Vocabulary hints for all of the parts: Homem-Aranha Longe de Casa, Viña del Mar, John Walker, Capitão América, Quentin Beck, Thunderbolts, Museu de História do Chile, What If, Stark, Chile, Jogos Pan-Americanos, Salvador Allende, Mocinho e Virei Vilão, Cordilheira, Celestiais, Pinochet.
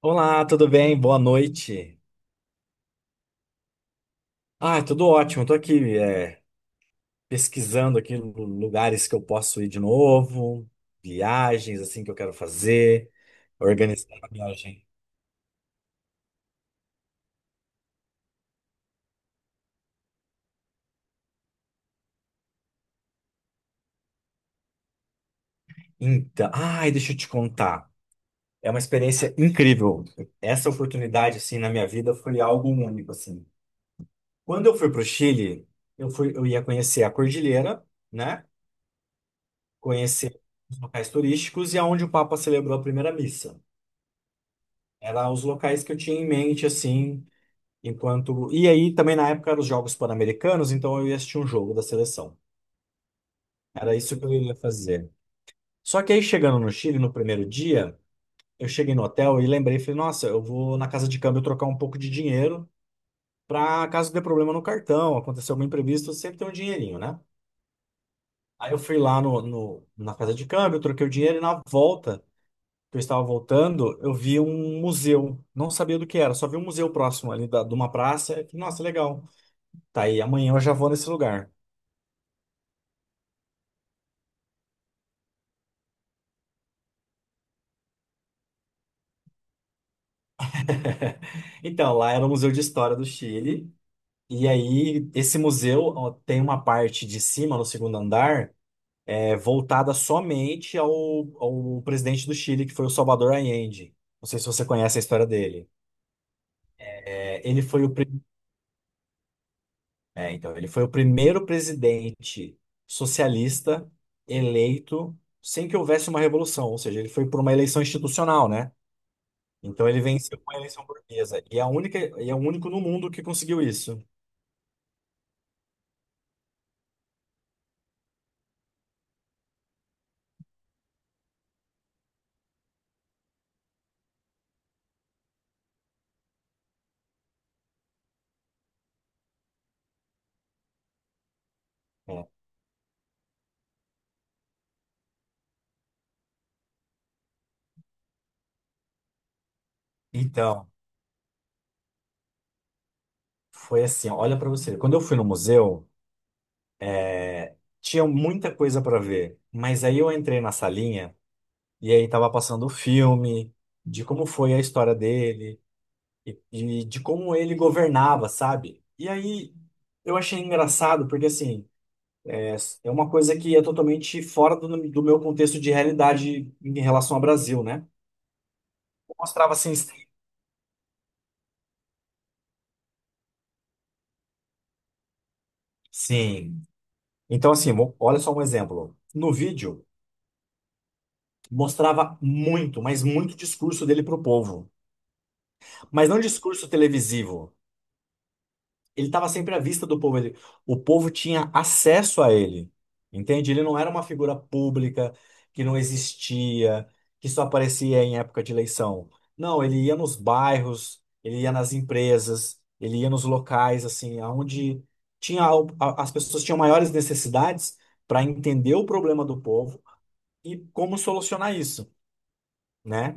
Olá, tudo bem? Boa noite. Ah, tudo ótimo. Estou aqui pesquisando aqui lugares que eu posso ir de novo, viagens assim que eu quero fazer, organizar a viagem. Então, ai, deixa eu te contar. É uma experiência incrível. Essa oportunidade assim na minha vida foi algo único assim. Quando eu fui para o Chile, eu ia conhecer a cordilheira, né? Conhecer os locais turísticos e aonde o Papa celebrou a primeira missa. Eram os locais que eu tinha em mente assim. Enquanto. E aí também na época eram os Jogos Pan-Americanos, então eu ia assistir um jogo da seleção. Era isso que eu ia fazer. Só que aí chegando no Chile no primeiro dia, eu cheguei no hotel e lembrei, falei, nossa, eu vou na casa de câmbio trocar um pouco de dinheiro para caso dê problema no cartão, acontecer algum imprevisto, sempre tem um dinheirinho, né? Aí eu fui lá na casa de câmbio, troquei o dinheiro e na volta, que eu estava voltando, eu vi um museu. Não sabia do que era, só vi um museu próximo ali de uma praça. E falei, nossa, legal. Tá aí, amanhã eu já vou nesse lugar. Então, lá era o Museu de História do Chile. E aí, esse museu ó, tem uma parte de cima, no segundo andar, voltada somente ao presidente do Chile, que foi o Salvador Allende. Não sei se você conhece a história dele. É, ele foi o, pri- é, Então, ele foi o primeiro presidente socialista eleito sem que houvesse uma revolução, ou seja, ele foi por uma eleição institucional, né? Então ele venceu uma eleição burguesa. E é o único no mundo que conseguiu isso. É. Então, foi assim, ó, olha pra você. Quando eu fui no museu, tinha muita coisa pra ver, mas aí eu entrei na salinha e aí tava passando o filme de como foi a história dele e de como ele governava, sabe? E aí eu achei engraçado porque assim é, é uma coisa que é totalmente fora do meu contexto de realidade em relação ao Brasil, né? Mostrava assim, sim. Então assim, olha só um exemplo. No vídeo mostrava muito, mas muito discurso dele pro povo. Mas não discurso televisivo. Ele estava sempre à vista do povo. Ele, o povo tinha acesso a ele. Entende? Ele não era uma figura pública que não existia, que só aparecia em época de eleição. Não, ele ia nos bairros, ele ia nas empresas, ele ia nos locais, assim, aonde tinha, as pessoas tinham maiores necessidades para entender o problema do povo e como solucionar isso, né?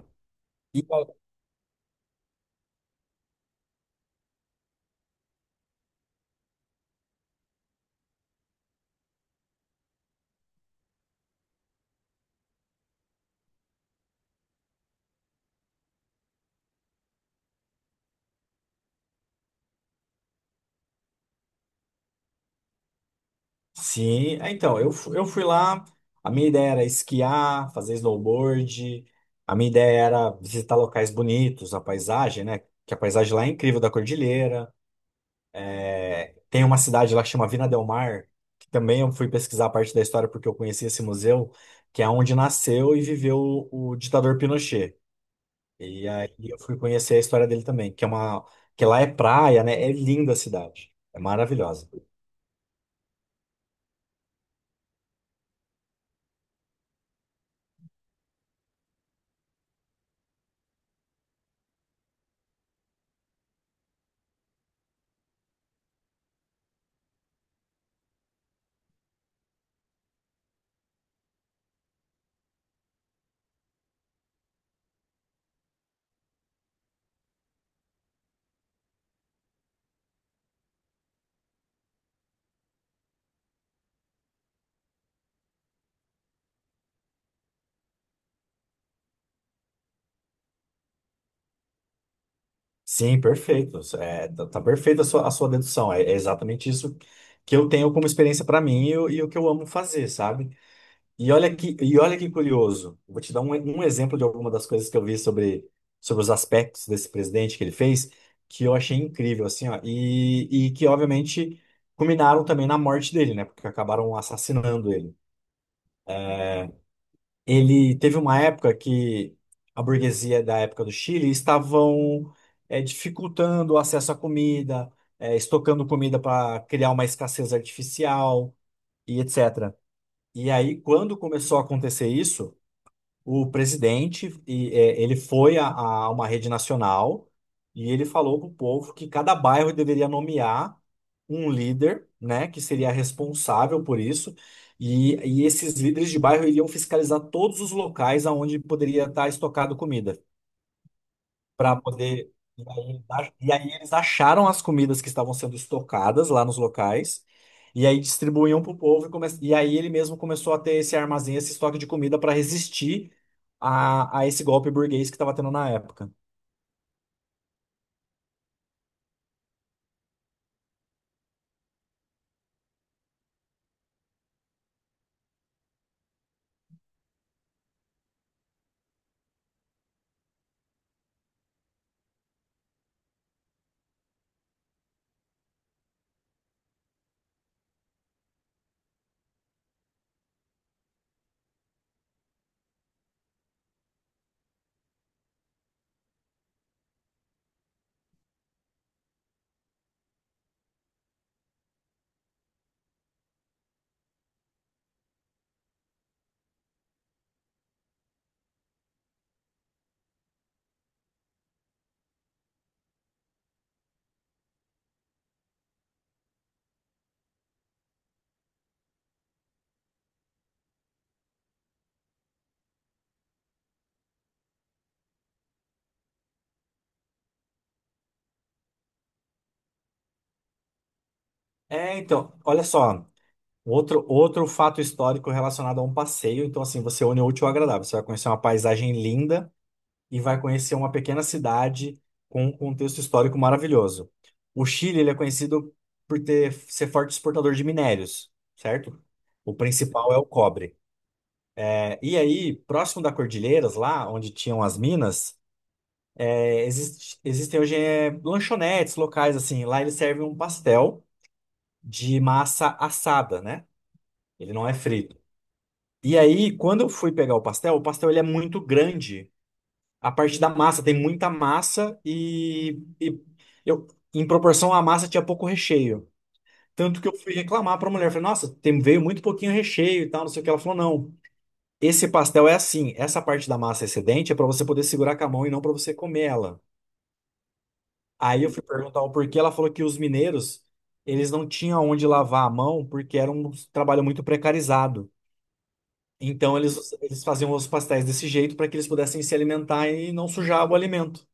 Sim, é, então, eu fui lá, a minha ideia era esquiar, fazer snowboard, a minha ideia era visitar locais bonitos, a paisagem, né? Que a paisagem lá é incrível da cordilheira. Tem uma cidade lá que chama Vina del Mar, que também eu fui pesquisar a parte da história porque eu conheci esse museu, que é onde nasceu e viveu o ditador Pinochet. E aí eu fui conhecer a história dele também, que lá é praia, né? É linda a cidade, é maravilhosa. Sim, perfeito. Tá, tá perfeita a a sua dedução. É, é exatamente isso que eu tenho como experiência para mim e o que eu amo fazer, sabe? E olha que curioso. Vou te dar um exemplo de alguma das coisas que eu vi sobre, sobre os aspectos desse presidente que ele fez, que eu achei incrível, assim, ó. E que, obviamente, culminaram também na morte dele, né? Porque acabaram assassinando ele. Ele teve uma época que a burguesia da época do Chile estavam dificultando o acesso à comida, é, estocando comida para criar uma escassez artificial e etc. E aí, quando começou a acontecer isso, o presidente e, é, ele foi a uma rede nacional e ele falou para o povo que cada bairro deveria nomear um líder, né, que seria responsável por isso. E esses líderes de bairro iriam fiscalizar todos os locais aonde poderia estar estocado comida para poder. E aí, e aí eles acharam as comidas que estavam sendo estocadas lá nos locais, e aí distribuíam para o povo, e, e aí ele mesmo começou a ter esse armazém, esse estoque de comida para resistir a esse golpe burguês que estava tendo na época. É, então, olha só, outro fato histórico relacionado a um passeio, então assim, você une o útil ao agradável, você vai conhecer uma paisagem linda, e vai conhecer uma pequena cidade com um contexto histórico maravilhoso. O Chile, ele é conhecido ser forte exportador de minérios, certo? O principal é o cobre. É, e aí, próximo da Cordilheiras, lá onde tinham as minas, é, existem hoje é, lanchonetes locais, assim. Lá eles servem um pastel de massa assada, né? Ele não é frito. E aí, quando eu fui pegar o pastel ele é muito grande. A parte da massa, tem muita massa eu, em proporção à massa tinha pouco recheio. Tanto que eu fui reclamar para a mulher, falei, nossa, tem, veio muito pouquinho recheio e tal, não sei o que. Ela falou, não, esse pastel é assim, essa parte da massa excedente é para você poder segurar com a mão e não para você comer ela. Aí eu fui perguntar o porquê, ela falou que os mineiros, eles não tinham onde lavar a mão porque era um trabalho muito precarizado. Então eles faziam os pastéis desse jeito para que eles pudessem se alimentar e não sujar o alimento.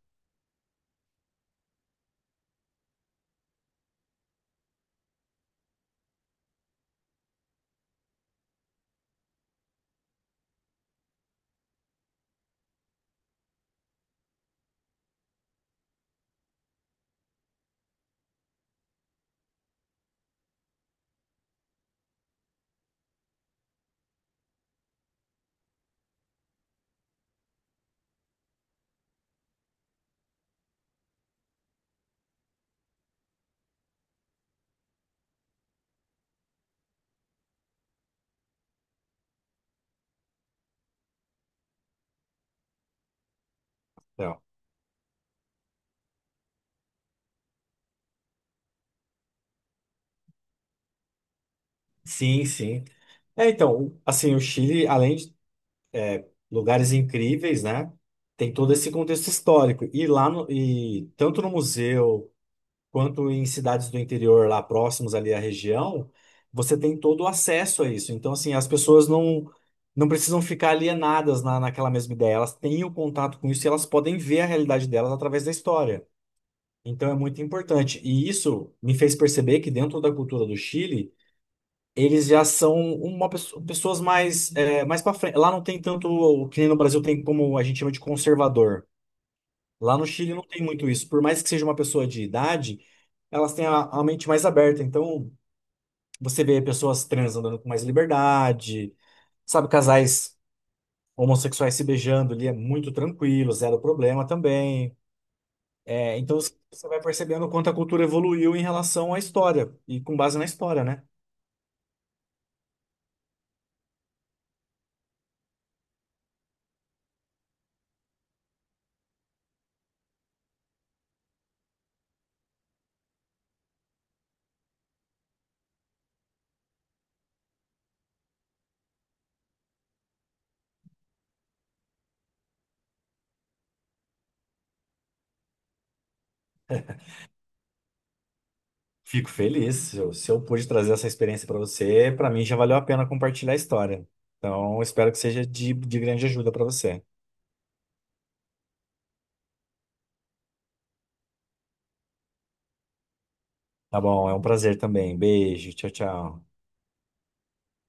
Sim, sim. É, então, assim, o Chile, além de lugares incríveis, né, tem todo esse contexto histórico. E lá no, e tanto no museu quanto em cidades do interior lá próximos ali à região, você tem todo o acesso a isso. Então, assim, as pessoas não precisam ficar alienadas naquela mesma ideia. Elas têm o contato com isso e elas podem ver a realidade delas através da história. Então, é muito importante. E isso me fez perceber que dentro da cultura do Chile eles já são uma pessoas mais para frente. Lá não tem tanto o que nem no Brasil tem como a gente chama de conservador. Lá no Chile não tem muito isso. Por mais que seja uma pessoa de idade, elas têm a mente mais aberta. Então você vê pessoas trans andando com mais liberdade, sabe, casais homossexuais se beijando ali é muito tranquilo, zero problema também. É, então você vai percebendo o quanto a cultura evoluiu em relação à história e com base na história, né? Fico feliz. Se eu pude trazer essa experiência para você, para mim já valeu a pena compartilhar a história. Então, espero que seja de grande ajuda para você. Tá bom, é um prazer também. Beijo, tchau, tchau.